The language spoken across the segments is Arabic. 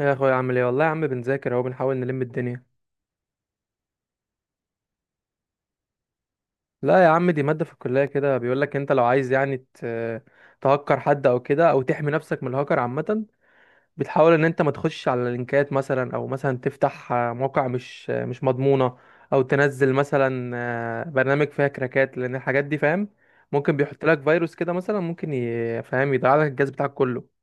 يا اخويا، عامل ايه؟ والله يا عم بنذاكر اهو، بنحاول نلم الدنيا. لا يا عم، دي مادة في الكلية، كده بيقول لك انت لو عايز يعني تهكر حد او كده، او تحمي نفسك من الهكر عامة. بتحاول ان انت ما تخش على لينكات مثلا، او مثلا تفتح موقع مش مضمونة. او تنزل مثلا برنامج فيها كراكات، لان الحاجات دي فاهم ممكن بيحط لك فيروس كده، مثلا ممكن فاهم، يضيع لك الجهاز بتاعك كله.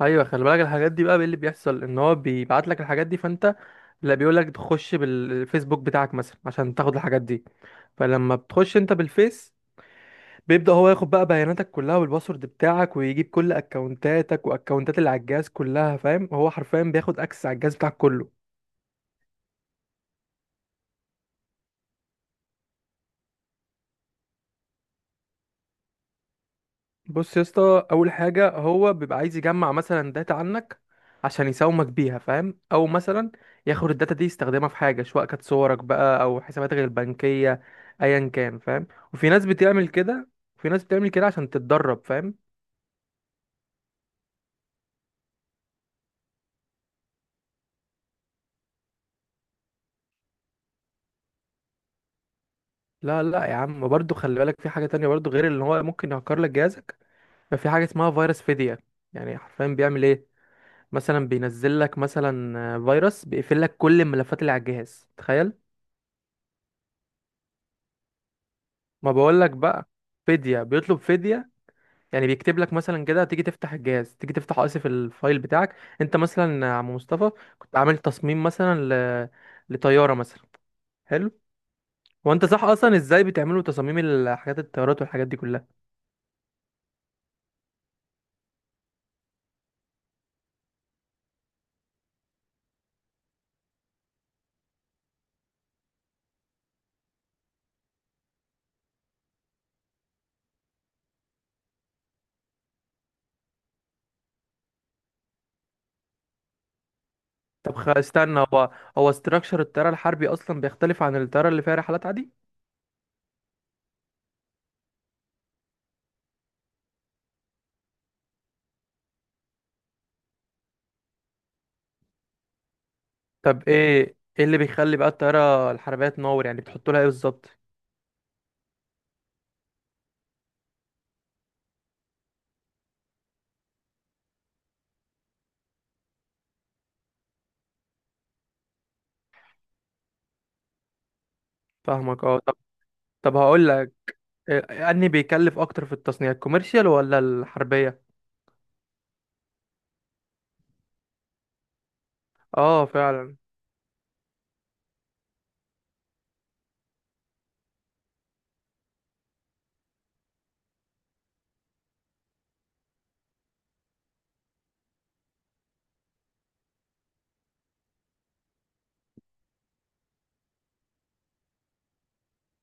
ايوه، خلي بالك الحاجات دي بقى. إيه اللي بيحصل؟ ان هو بيبعت لك الحاجات دي، فانت لا، بيقول لك تخش بالفيسبوك بتاعك مثلا عشان تاخد الحاجات دي. فلما بتخش انت بالفيس، بيبدأ هو ياخد بقى بياناتك كلها والباسورد بتاعك، ويجيب كل اكونتاتك واكونتات اللي على الجهاز كلها، فاهم؟ هو حرفيا بياخد اكسس على الجهاز بتاعك كله. بص يا اسطى، اول حاجه هو بيبقى عايز يجمع مثلا داتا عنك عشان يساومك بيها، فاهم؟ او مثلا ياخد الداتا دي يستخدمها في حاجه، سواء كانت صورك بقى او حساباتك البنكيه، ايا كان فاهم. وفي ناس بتعمل كده، وفي ناس بتعمل كده عشان تتدرب فاهم. لا، لا يا عم، برضو خلي بالك في حاجه تانية برضو، غير اللي هو ممكن يهكر لك جهازك. ففي حاجه اسمها فيروس فدية. يعني حرفيا بيعمل ايه؟ مثلا بينزل لك مثلا فيروس بيقفل لك كل الملفات اللي على الجهاز، تخيل. ما بقولك بقى، فدية، بيطلب فدية. يعني بيكتب لك مثلا كده، تيجي تفتح الفايل بتاعك. انت مثلا يا عم مصطفى، كنت عامل تصميم مثلا ل... لطيارة مثلا. حلو. وانت صح اصلا، ازاي بتعملوا تصاميم الحاجات، الطيارات والحاجات دي كلها؟ طب استنى، هو استراكشر الطيارة الحربي اصلا بيختلف عن الطيارة اللي فيها رحلات عادي؟ طب ايه اللي بيخلي بقى الطيارة الحربية تنور؟ يعني بتحط لها ايه بالظبط؟ فاهمك، اه طب هقول لك إيه، اني بيكلف اكتر في التصنيع، الكوميرشال ولا الحربيه؟ اه فعلا.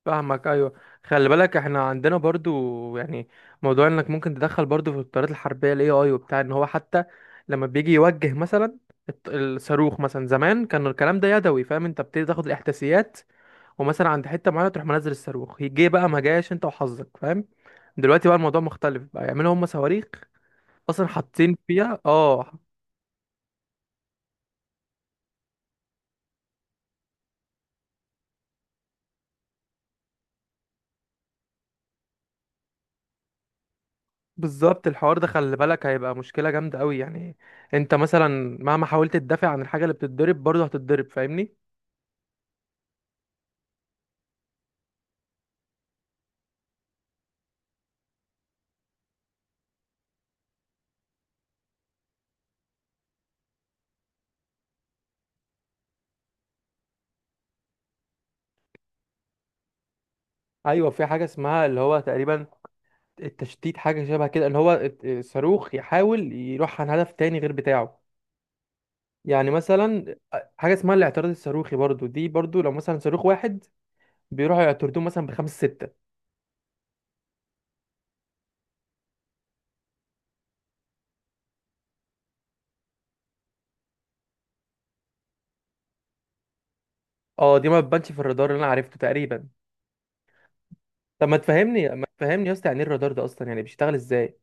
فاهمك، ايوه. خلي بالك احنا عندنا برضو يعني موضوع انك ممكن تدخل برضو في الطيارات الحربيه الاي اي وبتاع، ان هو حتى لما بيجي يوجه مثلا الصاروخ، مثلا زمان كان الكلام ده يدوي، فاهم؟ انت بتبتدي تاخد الاحداثيات، ومثلا عند حته معينه تروح منزل الصاروخ، يجي بقى ما جاش، انت وحظك فاهم. دلوقتي بقى الموضوع مختلف، بقى يعملوا هم صواريخ اصلا حاطين فيها اه. بالظبط، الحوار ده خلي بالك هيبقى مشكلة جامدة قوي يعني. انت مثلا مهما حاولت تدافع عن الحاجة اللي بتتضرب برضه هتتضرب فاهمني. ايوه، في حاجة اسمها اللي هو تقريبا التشتيت، حاجة شبه كده، ان هو الصاروخ يحاول يروح عن هدف تاني غير بتاعه. يعني مثلا حاجة اسمها الاعتراض الصاروخي برضه، دي برضه لو مثلا صاروخ واحد بيروحوا يعترضوه مثلا بخمس ستة. اه، دي ما بتبانش في الرادار، اللي انا عرفته تقريبا. طب ما تفهمني، ما تفهمني يا اسطى، يعني ايه الرادار ده اصلا؟ يعني بيشتغل ازاي؟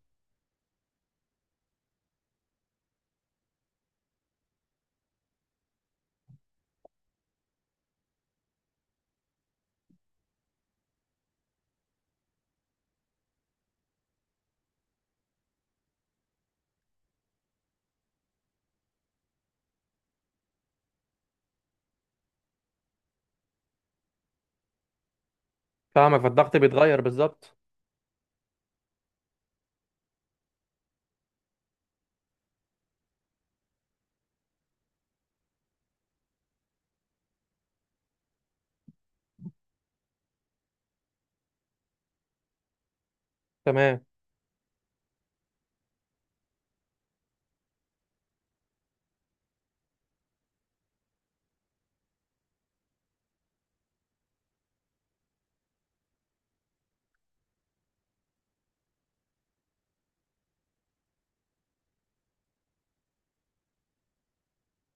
فاهمك، فالضغط بيتغير بالظبط. تمام.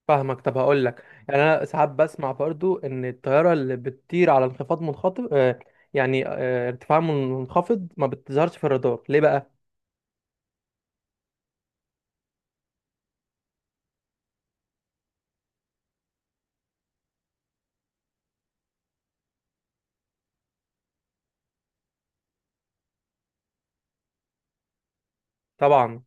فاهمك، طب هقول لك، يعني انا ساعات بسمع برضو ان الطياره اللي بتطير على انخفاض منخفض، يعني ارتفاع منخفض، ما بتظهرش في الرادار، ليه بقى؟ طبعا.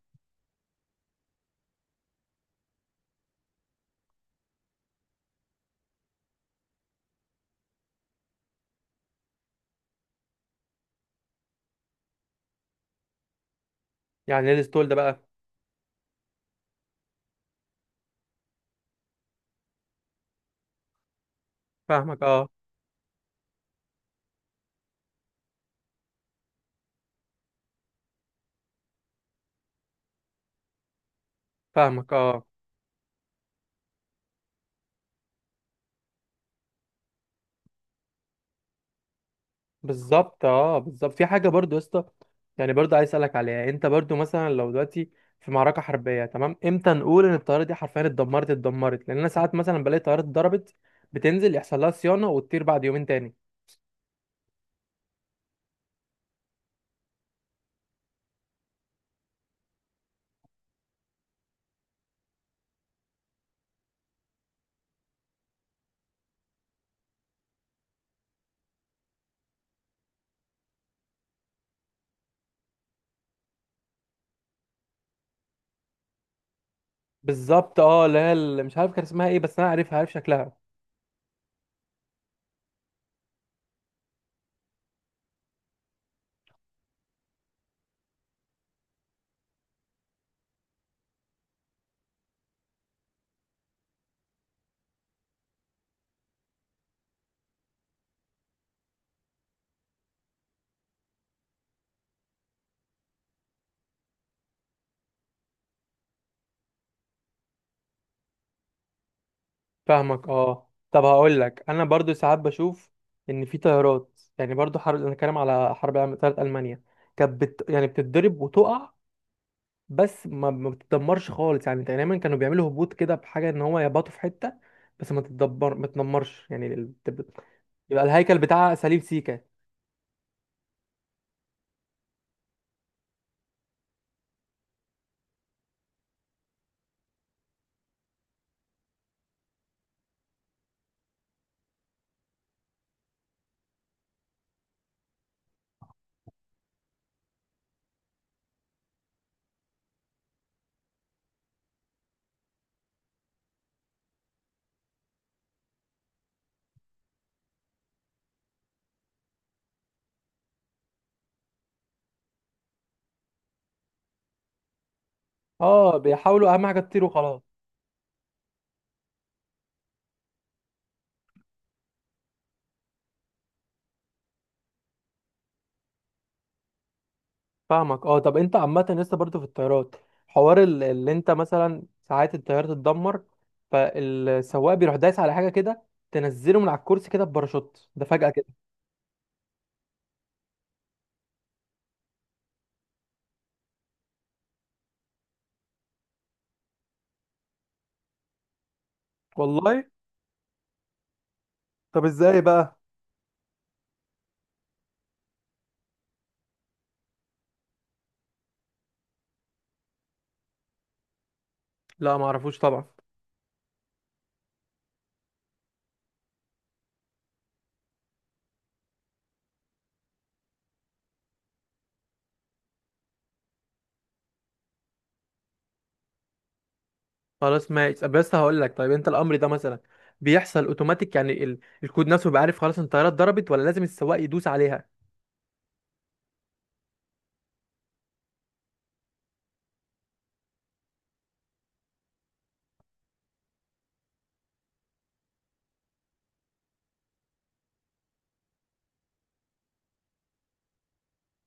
يعني ايه الستول ده بقى؟ فاهمك اه. فاهمك، اه بالظبط، اه بالظبط، في حاجه برضو يا اسطى، يعني برضو عايز اسالك عليها، انت برضو مثلا لو دلوقتي في معركه حربيه، تمام؟ امتى نقول ان الطياره دي حرفيا اتدمرت، اتدمرت؟ لان انا ساعات مثلا بلاقي طيارات اتضربت، بتنزل يحصل لها صيانه وتطير بعد يومين تاني. بالظبط، اه اللي هي، اللي مش عارف كان اسمها ايه، بس انا عارفها، عارف شكلها. فاهمك، اه، طب هقول لك، انا برضو ساعات بشوف ان في طيارات، يعني برضو حرب، انا كلام على حرب العالمية- طيارة المانيا كانت يعني بتتضرب وتقع، بس ما بتتدمرش خالص، يعني دايما كانوا بيعملوا هبوط كده بحاجه، ان هو يبطوا في حته، بس ما تتدمرش يعني يبقى الهيكل بتاعها سليم سيكا. اه، بيحاولوا اهم حاجه تطير وخلاص. فاهمك، اه، طب انت عامة لسه برضو في الطيارات، حوار اللي انت مثلا، ساعات الطيارة تتدمر، فالسواق بيروح دايس على حاجة كده، تنزله من على الكرسي كده بباراشوت، ده فجأة كده. والله؟ طب ازاي بقى؟ لا، ما اعرفوش طبعا. خلاص ماشي، طب بس هقول لك، طيب انت الامر ده مثلا بيحصل اوتوماتيك؟ يعني الكود نفسه بيبقى عارف خلاص ان الطياره اتضربت، ولا لازم السواق يدوس عليها؟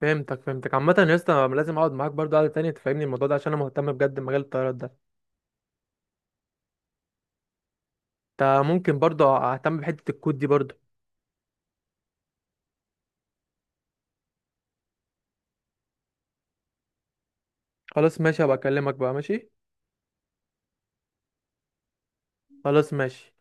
فهمتك عامه يا اسطى، أنا لازم اقعد معاك برضه قعده تانية تفهمني الموضوع ده، عشان انا مهتم بجد بمجال الطيارات ده. انت ممكن برضه اهتم بحته الكود دي برضه؟ خلاص ماشي، هبقى اكلمك بقى، ماشي. خلاص ماشي.